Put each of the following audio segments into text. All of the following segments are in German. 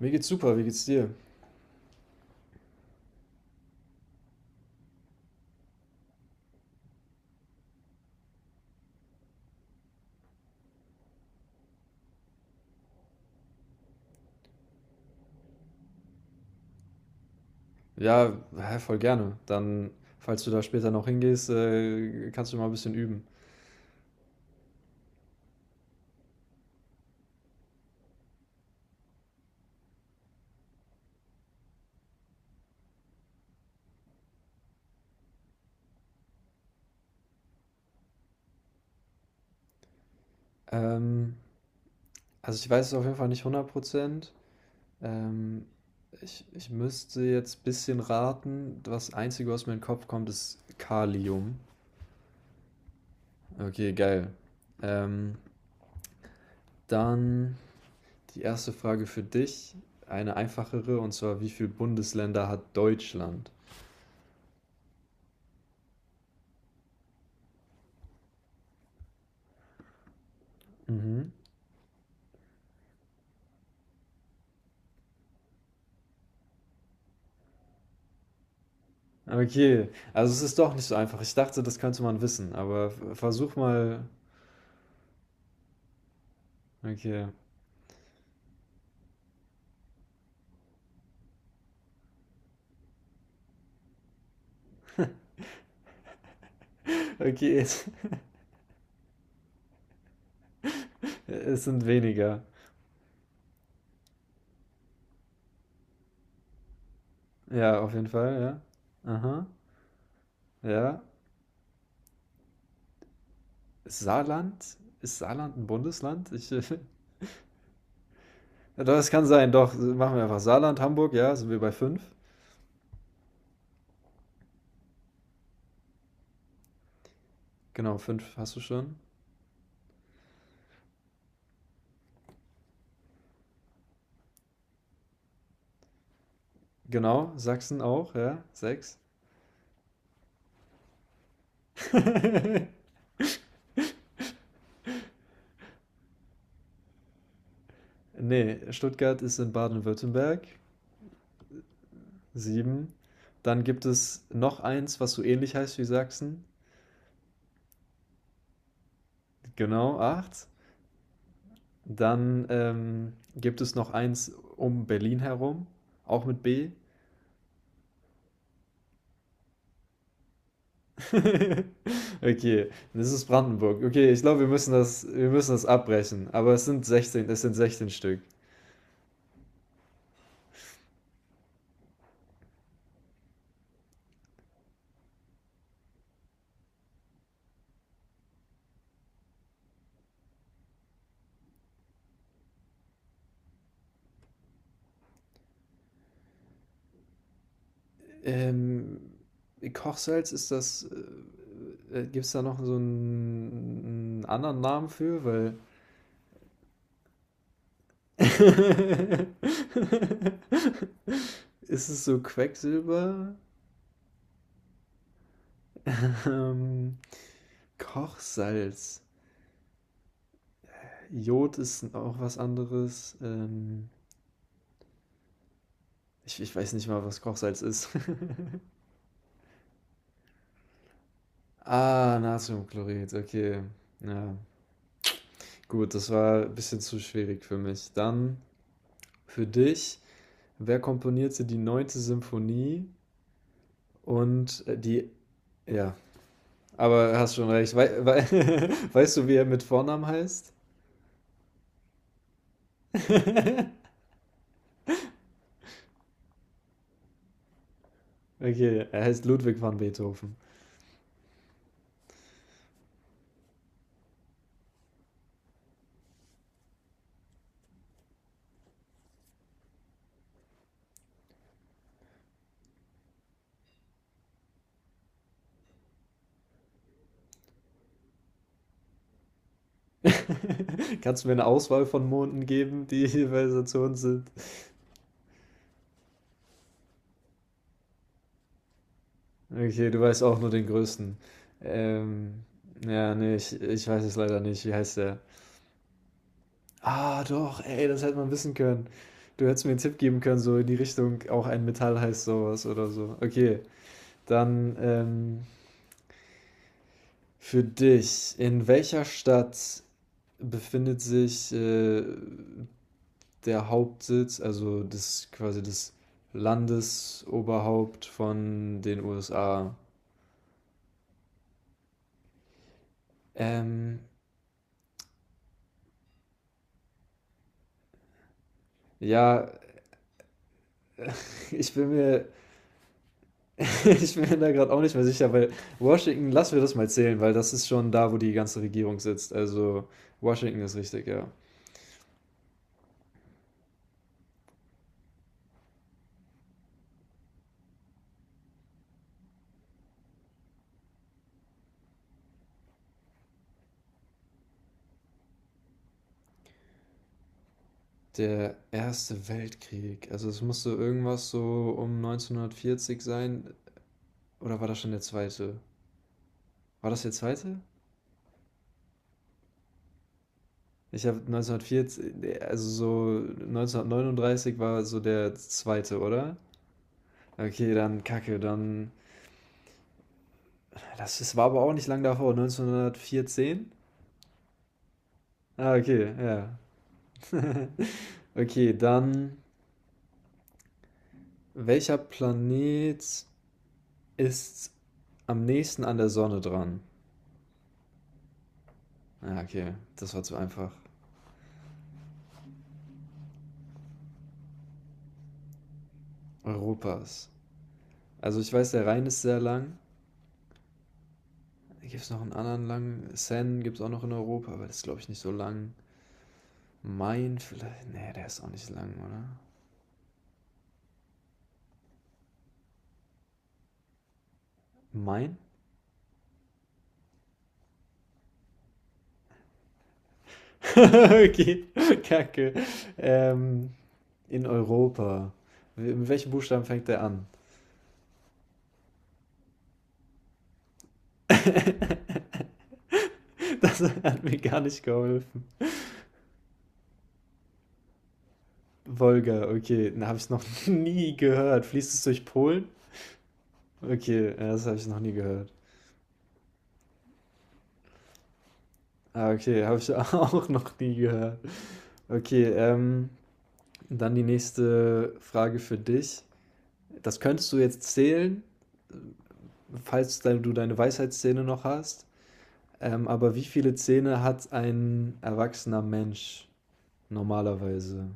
Mir geht's super, wie geht's dir? Ja, hä, voll gerne. Dann, falls du da später noch hingehst, kannst du mal ein bisschen üben. Ähm, also ich weiß es auf jeden Fall nicht 100%. Ähm, ich müsste jetzt ein bisschen raten. Das Einzige, was mir in den Kopf kommt, ist Kalium. Okay, geil. Ähm, dann die erste Frage für dich, eine einfachere, und zwar, wie viele Bundesländer hat Deutschland? Mhm. Okay, also es ist doch nicht so einfach. Ich dachte, das könnte man wissen, aber versuch mal. Okay, okay, es sind weniger. Ja, auf jeden Fall, ja. Aha, ja. Ist Saarland? Ist Saarland ein Bundesland? Ja, doch, es kann sein, doch. Machen wir einfach Saarland, Hamburg, ja, sind wir bei fünf. Genau, fünf hast du schon. Genau, Sachsen auch, ja, sechs. Nee, Stuttgart ist in Baden-Württemberg. Sieben. Dann gibt es noch eins, was so ähnlich heißt wie Sachsen. Genau, 8. Dann gibt es noch eins um Berlin herum, auch mit B. Okay, das ist Brandenburg. Okay, ich glaube, wir müssen das abbrechen. Aber es sind 16, es sind 16 Stück. Ähm, Kochsalz ist das, gibt es da noch einen anderen Namen für? Weil ist es so Quecksilber? Ähm, Kochsalz. Jod ist auch was anderes. Ich weiß nicht mal, was Kochsalz ist. Ah, Natriumchlorid, okay. Ja, gut, das war ein bisschen zu schwierig für mich. Dann für dich, wer komponierte die neunte Symphonie und ja, aber hast schon recht. Wei wei weißt du, wie er mit Vornamen heißt? Okay, er heißt Ludwig van Beethoven. Kannst du mir eine Auswahl von Monden geben, die jeweils dazu uns sind? Okay, du weißt auch nur den größten. Ähm, ja, nee, ich weiß es leider nicht. Wie heißt der? Ah, doch, ey, das hätte man wissen können. Du hättest mir einen Tipp geben können, so in die Richtung, auch ein Metall heißt sowas oder so. Okay, dann für dich. In welcher Stadt befindet sich der Hauptsitz, also das quasi das Landesoberhaupt von den USA. Ähm, ja, ich bin mir, ich bin mir da gerade auch nicht mehr sicher, weil Washington, lassen wir das mal zählen, weil das ist schon da, wo die ganze Regierung sitzt. Also Washington ist richtig, ja. Der Erste Weltkrieg, also es musste irgendwas so um 1940 sein, oder war das schon der zweite? War das der zweite? Ich habe 1940, also so 1939 war so der zweite, oder? Okay, dann Kacke, dann. Das war aber auch nicht lang davor, 1914? Ah, okay, ja. Okay, dann. Welcher Planet ist am nächsten an der Sonne dran? Ah, okay, das war zu einfach. Europas. Also ich weiß, der Rhein ist sehr lang. Gibt es noch einen anderen langen? Seine gibt es auch noch in Europa, aber das ist, glaube ich, nicht so lang. Mein vielleicht. Nee, der ist auch nicht lang, oder? Mein? Okay, kacke. Ähm, in Europa. Mit welchem Buchstaben fängt der an? Das hat mir gar nicht geholfen. Wolga, okay, da habe ich noch nie gehört. Fließt es durch Polen? Okay, ja, das habe ich noch nie gehört. Ah, okay, habe ich auch noch nie gehört. Okay, dann die nächste Frage für dich. Das könntest du jetzt zählen, falls du deine Weisheitszähne noch hast. Aber wie viele Zähne hat ein erwachsener Mensch normalerweise?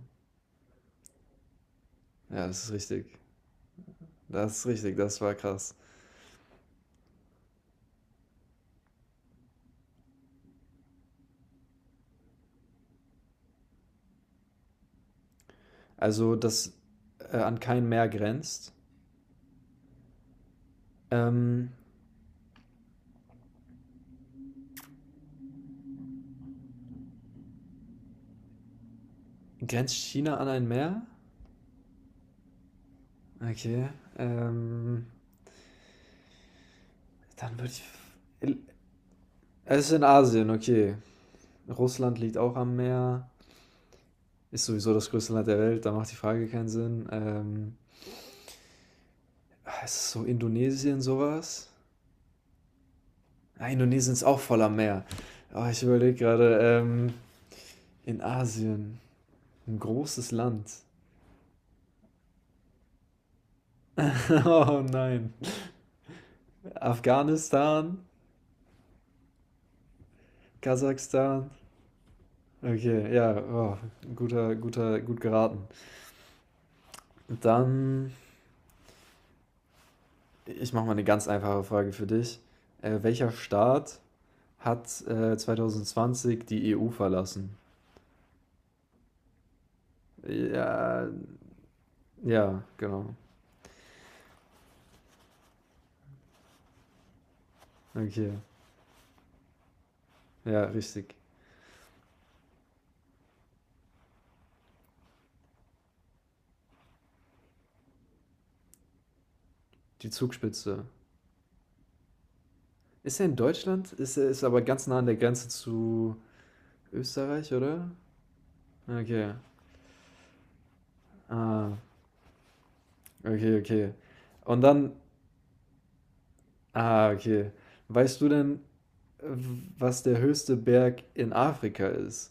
Ja, das ist richtig. Das ist richtig, das war krass. Also, das an kein Meer grenzt. Ähm, grenzt China an ein Meer? Okay. Ähm, dann würde ich. Es ist in Asien, okay. Russland liegt auch am Meer. Ist sowieso das größte Land der Welt, da macht die Frage keinen Sinn. Ist es so Indonesien sowas? Ah, Indonesien ist auch voller Meer. Oh, ich überlege gerade, in Asien, ein großes Land. Oh nein. Afghanistan, Kasachstan. Okay, ja, oh, gut geraten. Dann, ich mache mal eine ganz einfache Frage für dich. Welcher Staat hat 2020 die EU verlassen? Ja, ja, genau. Okay, ja, richtig. Die Zugspitze. Ist er in Deutschland? Ist er ist aber ganz nah an der Grenze zu Österreich, oder? Okay. Ah, okay, okay. Und dann, ah, okay. Weißt du denn, was der höchste Berg in Afrika ist?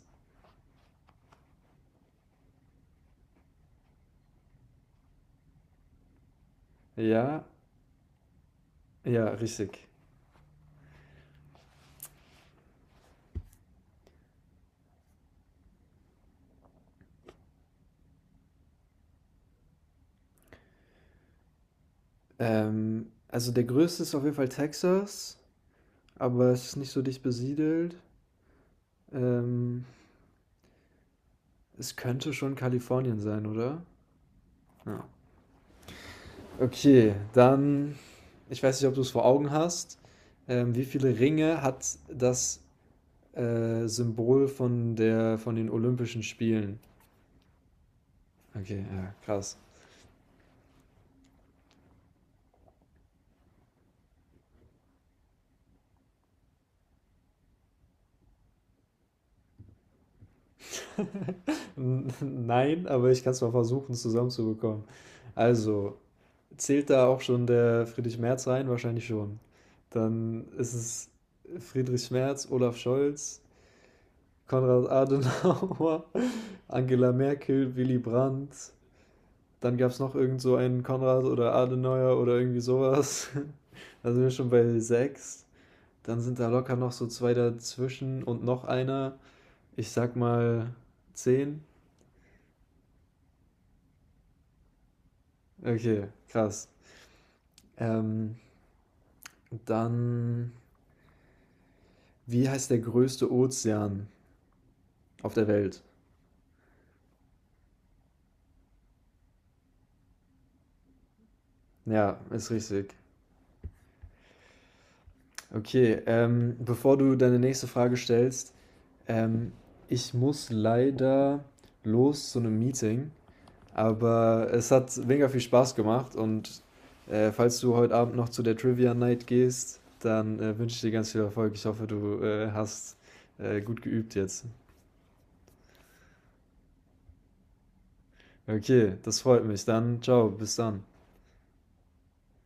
Ja, ja, richtig. Also der größte ist auf jeden Fall Texas, aber es ist nicht so dicht besiedelt. Ähm, es könnte schon Kalifornien sein, oder? Ja. Okay, dann, ich weiß nicht, ob du es vor Augen hast. Wie viele Ringe hat das Symbol von den Olympischen Spielen? Okay, ja, krass. Nein, aber ich kann es mal versuchen, zusammenzubekommen. Also, zählt da auch schon der Friedrich Merz rein? Wahrscheinlich schon. Dann ist es Friedrich Merz, Olaf Scholz, Konrad Adenauer, Angela Merkel, Willy Brandt. Dann gab es noch irgend so einen Konrad oder Adenauer oder irgendwie sowas. Da sind wir schon bei sechs. Dann sind da locker noch so zwei dazwischen und noch einer. Ich sag mal 10. Okay, krass. Ähm, dann, wie heißt der größte Ozean auf der Welt? Ja, ist richtig. Okay, bevor du deine nächste Frage stellst, ähm, ich muss leider los zu einem Meeting. Aber es hat mega viel Spaß gemacht und falls du heute Abend noch zu der Trivia Night gehst, dann wünsche ich dir ganz viel Erfolg. Ich hoffe, du hast gut geübt jetzt. Okay, das freut mich. Dann ciao, bis dann.